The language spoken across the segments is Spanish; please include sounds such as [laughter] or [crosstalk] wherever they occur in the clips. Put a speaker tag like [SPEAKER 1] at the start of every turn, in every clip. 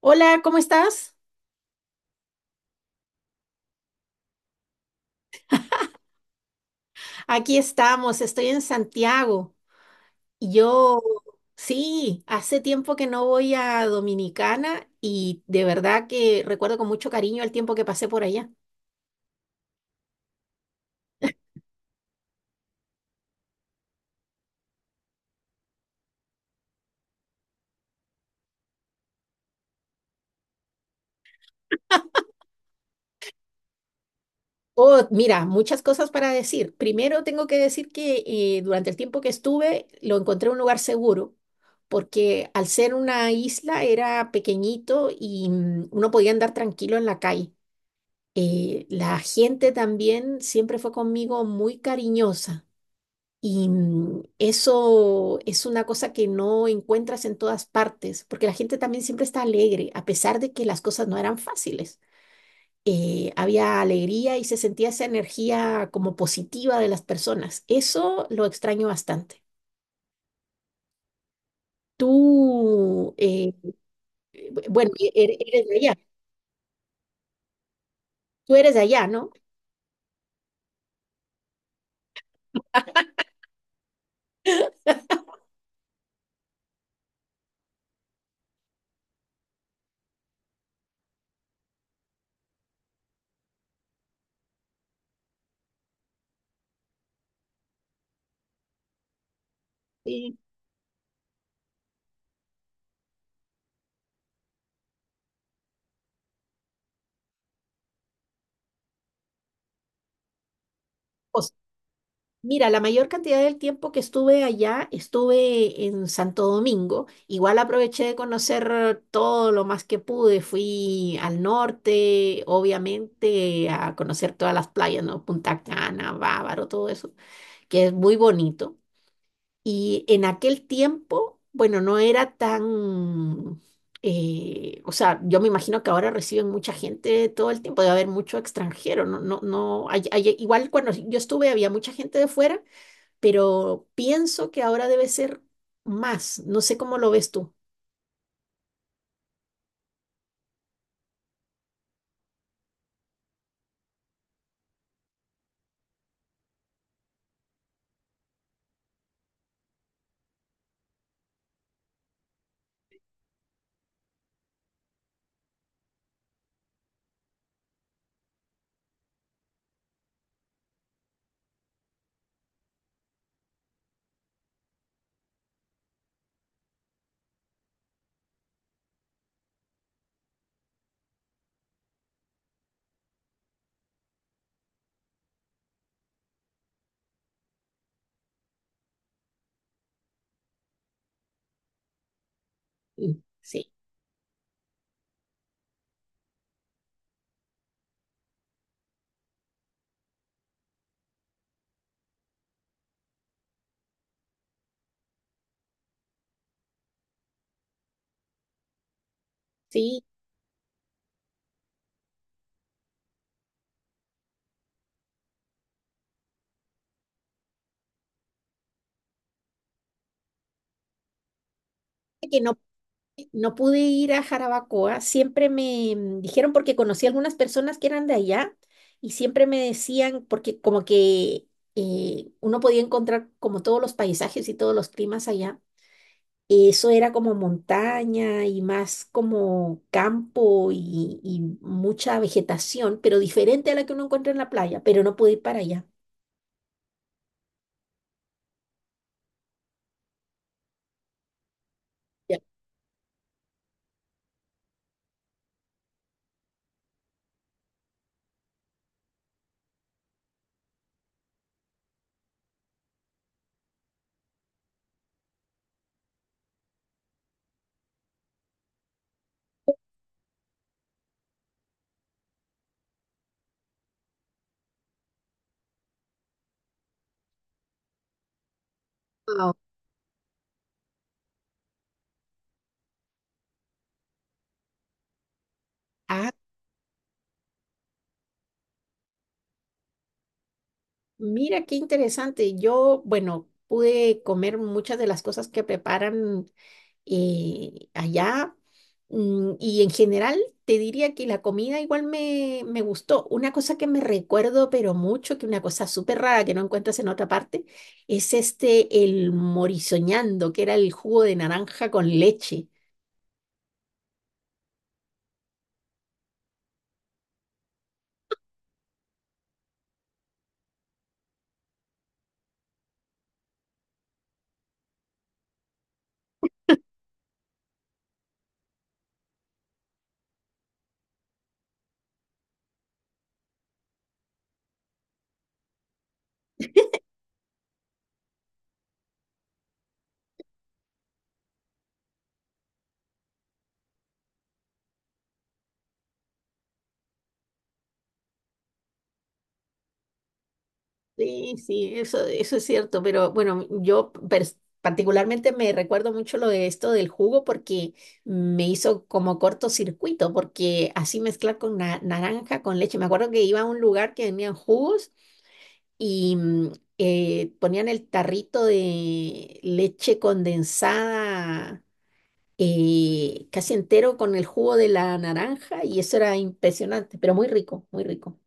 [SPEAKER 1] Hola, ¿cómo estás? Aquí estamos, estoy en Santiago. Y yo, sí, hace tiempo que no voy a Dominicana y de verdad que recuerdo con mucho cariño el tiempo que pasé por allá. Oh, mira, muchas cosas para decir. Primero tengo que decir que durante el tiempo que estuve lo encontré un lugar seguro, porque al ser una isla era pequeñito y uno podía andar tranquilo en la calle. La gente también siempre fue conmigo muy cariñosa. Y eso es una cosa que no encuentras en todas partes, porque la gente también siempre está alegre, a pesar de que las cosas no eran fáciles. Había alegría y se sentía esa energía como positiva de las personas. Eso lo extraño bastante. Tú, bu- bueno, e- e- Eres de allá, tú eres de allá, ¿no? Sí. O Mira, la mayor cantidad del tiempo que estuve allá estuve en Santo Domingo. Igual aproveché de conocer todo lo más que pude. Fui al norte, obviamente, a conocer todas las playas, ¿no? Punta Cana, Bávaro, todo eso, que es muy bonito. Y en aquel tiempo, bueno, no era tan… o sea, yo me imagino que ahora reciben mucha gente todo el tiempo, debe haber mucho extranjero, no, no, no, hay- hay- igual cuando yo estuve había mucha gente de fuera, pero pienso que ahora debe ser más. No sé cómo lo ves tú. Mm. Sí, sí, que no, no pude ir a Jarabacoa, siempre me dijeron porque conocí algunas personas que eran de allá y siempre me decían, porque como que uno podía encontrar como todos los paisajes y todos los climas allá, eso era como montaña y más como campo y mucha vegetación, pero diferente a la que uno encuentra en la playa, pero no pude ir para allá. Ya. Ah, ah, mira qué interesante. Yo, bueno, pude comer muchas de las cosas que preparan allá. Y en general te diría que la comida igual me, me gustó. Una cosa que me recuerdo, pero mucho, que una cosa súper rara que no encuentras en otra parte, es este, el morisoñando, que era el jugo de naranja con leche. Sí, sí, eso es cierto, pero bueno, yo particularmente me recuerdo mucho lo de esto del jugo porque me hizo como cortocircuito, porque así mezclar con naranja, con leche. Me acuerdo que iba a un lugar que vendían jugos y ponían el tarrito de leche condensada casi entero con el jugo de la naranja y eso era impresionante, pero muy rico, muy rico.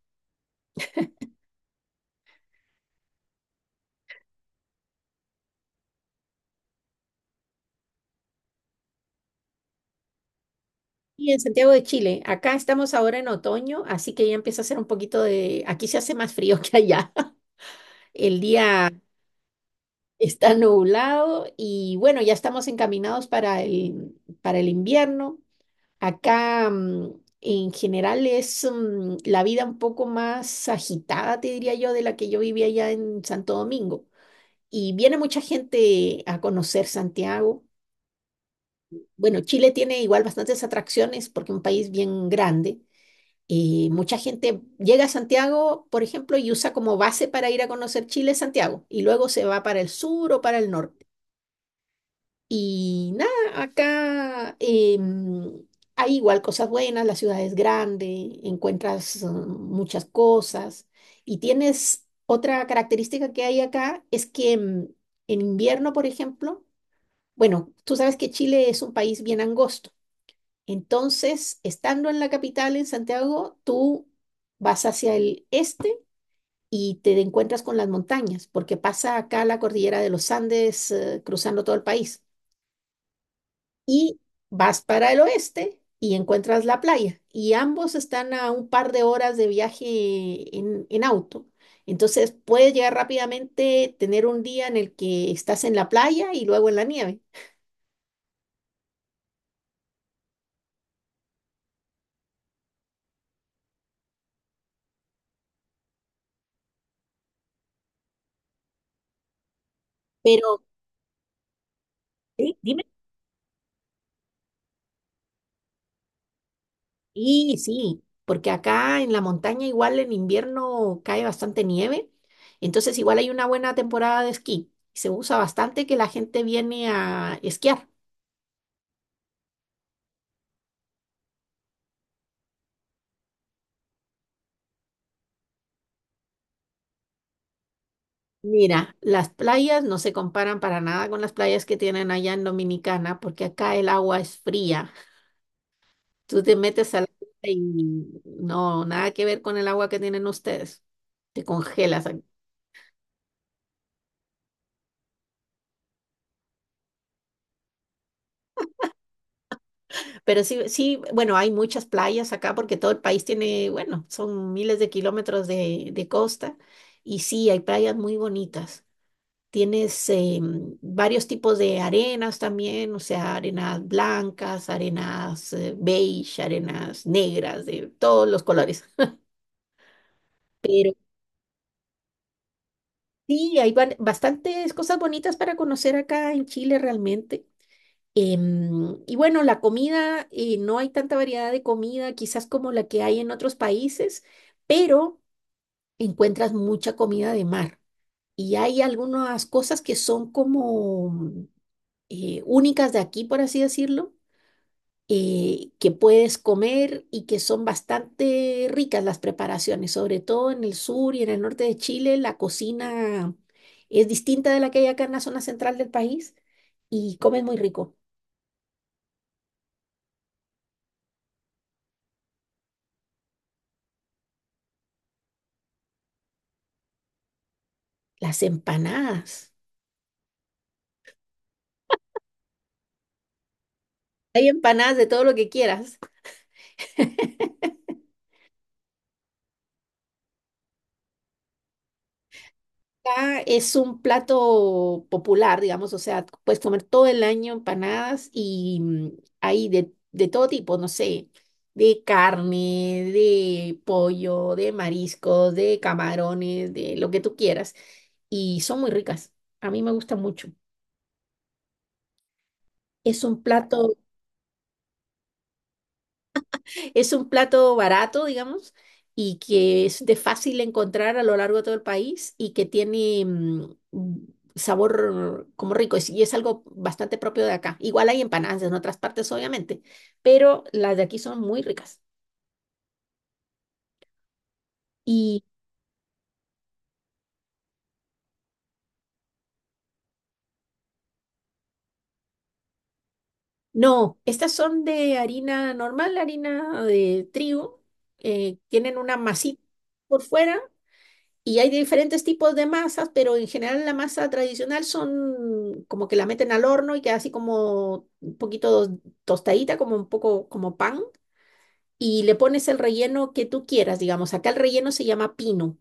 [SPEAKER 1] Y en Santiago de Chile, acá estamos ahora en otoño, así que ya empieza a hacer un poquito de, aquí se hace más frío que allá. [laughs] El día está nublado y bueno, ya estamos encaminados para el invierno. Acá en general es la vida un poco más agitada, te diría yo, de la que yo vivía allá en Santo Domingo. Y viene mucha gente a conocer Santiago. Bueno, Chile tiene igual bastantes atracciones porque es un país bien grande, y mucha gente llega a Santiago, por ejemplo, y usa como base para ir a conocer Chile Santiago, y luego se va para el sur o para el norte. Y nada, acá hay igual cosas buenas, la ciudad es grande, encuentras muchas cosas, y tienes otra característica que hay acá, es que en invierno, por ejemplo, bueno, tú sabes que Chile es un país bien angosto. Entonces, estando en la capital, en Santiago, tú vas hacia el este y te encuentras con las montañas, porque pasa acá la cordillera de los Andes, cruzando todo el país. Y vas para el oeste y encuentras la playa. Y ambos están a un par de horas de viaje en auto. Entonces, puedes llegar rápidamente, tener un día en el que estás en la playa y luego en la nieve. Pero, Sí, dime. Y sí, porque acá en la montaña igual en invierno cae bastante nieve, entonces igual hay una buena temporada de esquí. Se usa bastante que la gente viene a esquiar. Mira, las playas no se comparan para nada con las playas que tienen allá en Dominicana, porque acá el agua es fría. Tú te metes al agua y no, nada que ver con el agua que tienen ustedes. Te congelas. Pero sí, sí, bueno, hay muchas playas acá porque todo el país tiene, bueno, son miles de kilómetros de costa y sí, hay playas muy bonitas. Tienes varios tipos de arenas también, o sea, arenas blancas, arenas beige, arenas negras, de todos los colores. Pero sí, hay bastantes cosas bonitas para conocer acá en Chile realmente. Y bueno, la comida, no hay tanta variedad de comida quizás como la que hay en otros países, pero encuentras mucha comida de mar. Y hay algunas cosas que son como únicas de aquí, por así decirlo, que puedes comer y que son bastante ricas las preparaciones, sobre todo en el sur y en el norte de Chile, la cocina es distinta de la que hay acá en la zona central del país y comen muy rico. Las empanadas. Hay empanadas de todo lo que quieras. Acá es un plato popular, digamos, o sea, puedes comer todo el año empanadas y hay de todo tipo, no sé, de carne, de pollo, de mariscos, de camarones, de lo que tú quieras. Y son muy ricas. A mí me gusta mucho. Es un plato Es un plato barato, digamos, y que es de fácil encontrar a lo largo de todo el país y que tiene sabor como y es algo bastante propio de acá. Igual hay empanadas en otras partes, obviamente, pero las de aquí son muy ricas. Y no, estas son de harina normal, harina de trigo, tienen una masita por fuera. Y hay diferentes tipos de masas, pero en general la masa tradicional son como que la meten al horno y queda así como un poquito tostadita, como un poco como pan, y le pones el relleno que tú quieras, digamos. Acá el relleno se llama pino.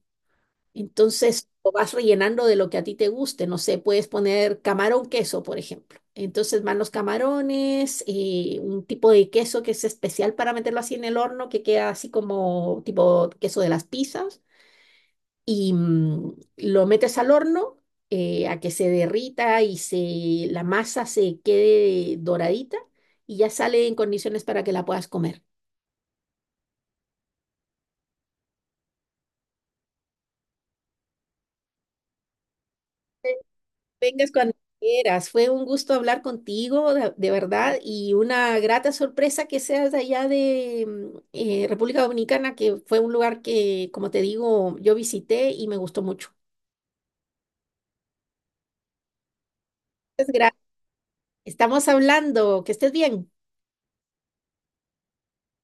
[SPEAKER 1] Entonces lo vas rellenando de lo que a ti te guste. No sé, puedes poner camarón queso, por ejemplo. Entonces van los camarones, un tipo de queso que es especial para meterlo así en el horno, que queda así como tipo queso de las pizzas y lo metes al horno a que se derrita y se, la masa se quede doradita y ya sale en condiciones para que la puedas comer. Vengas cuando quieras. Fue un gusto hablar contigo, de verdad, y una grata sorpresa que seas de allá de República Dominicana, que fue un lugar que, como te digo, yo visité y me gustó mucho. Muchas gracias. Estamos hablando. Que estés bien.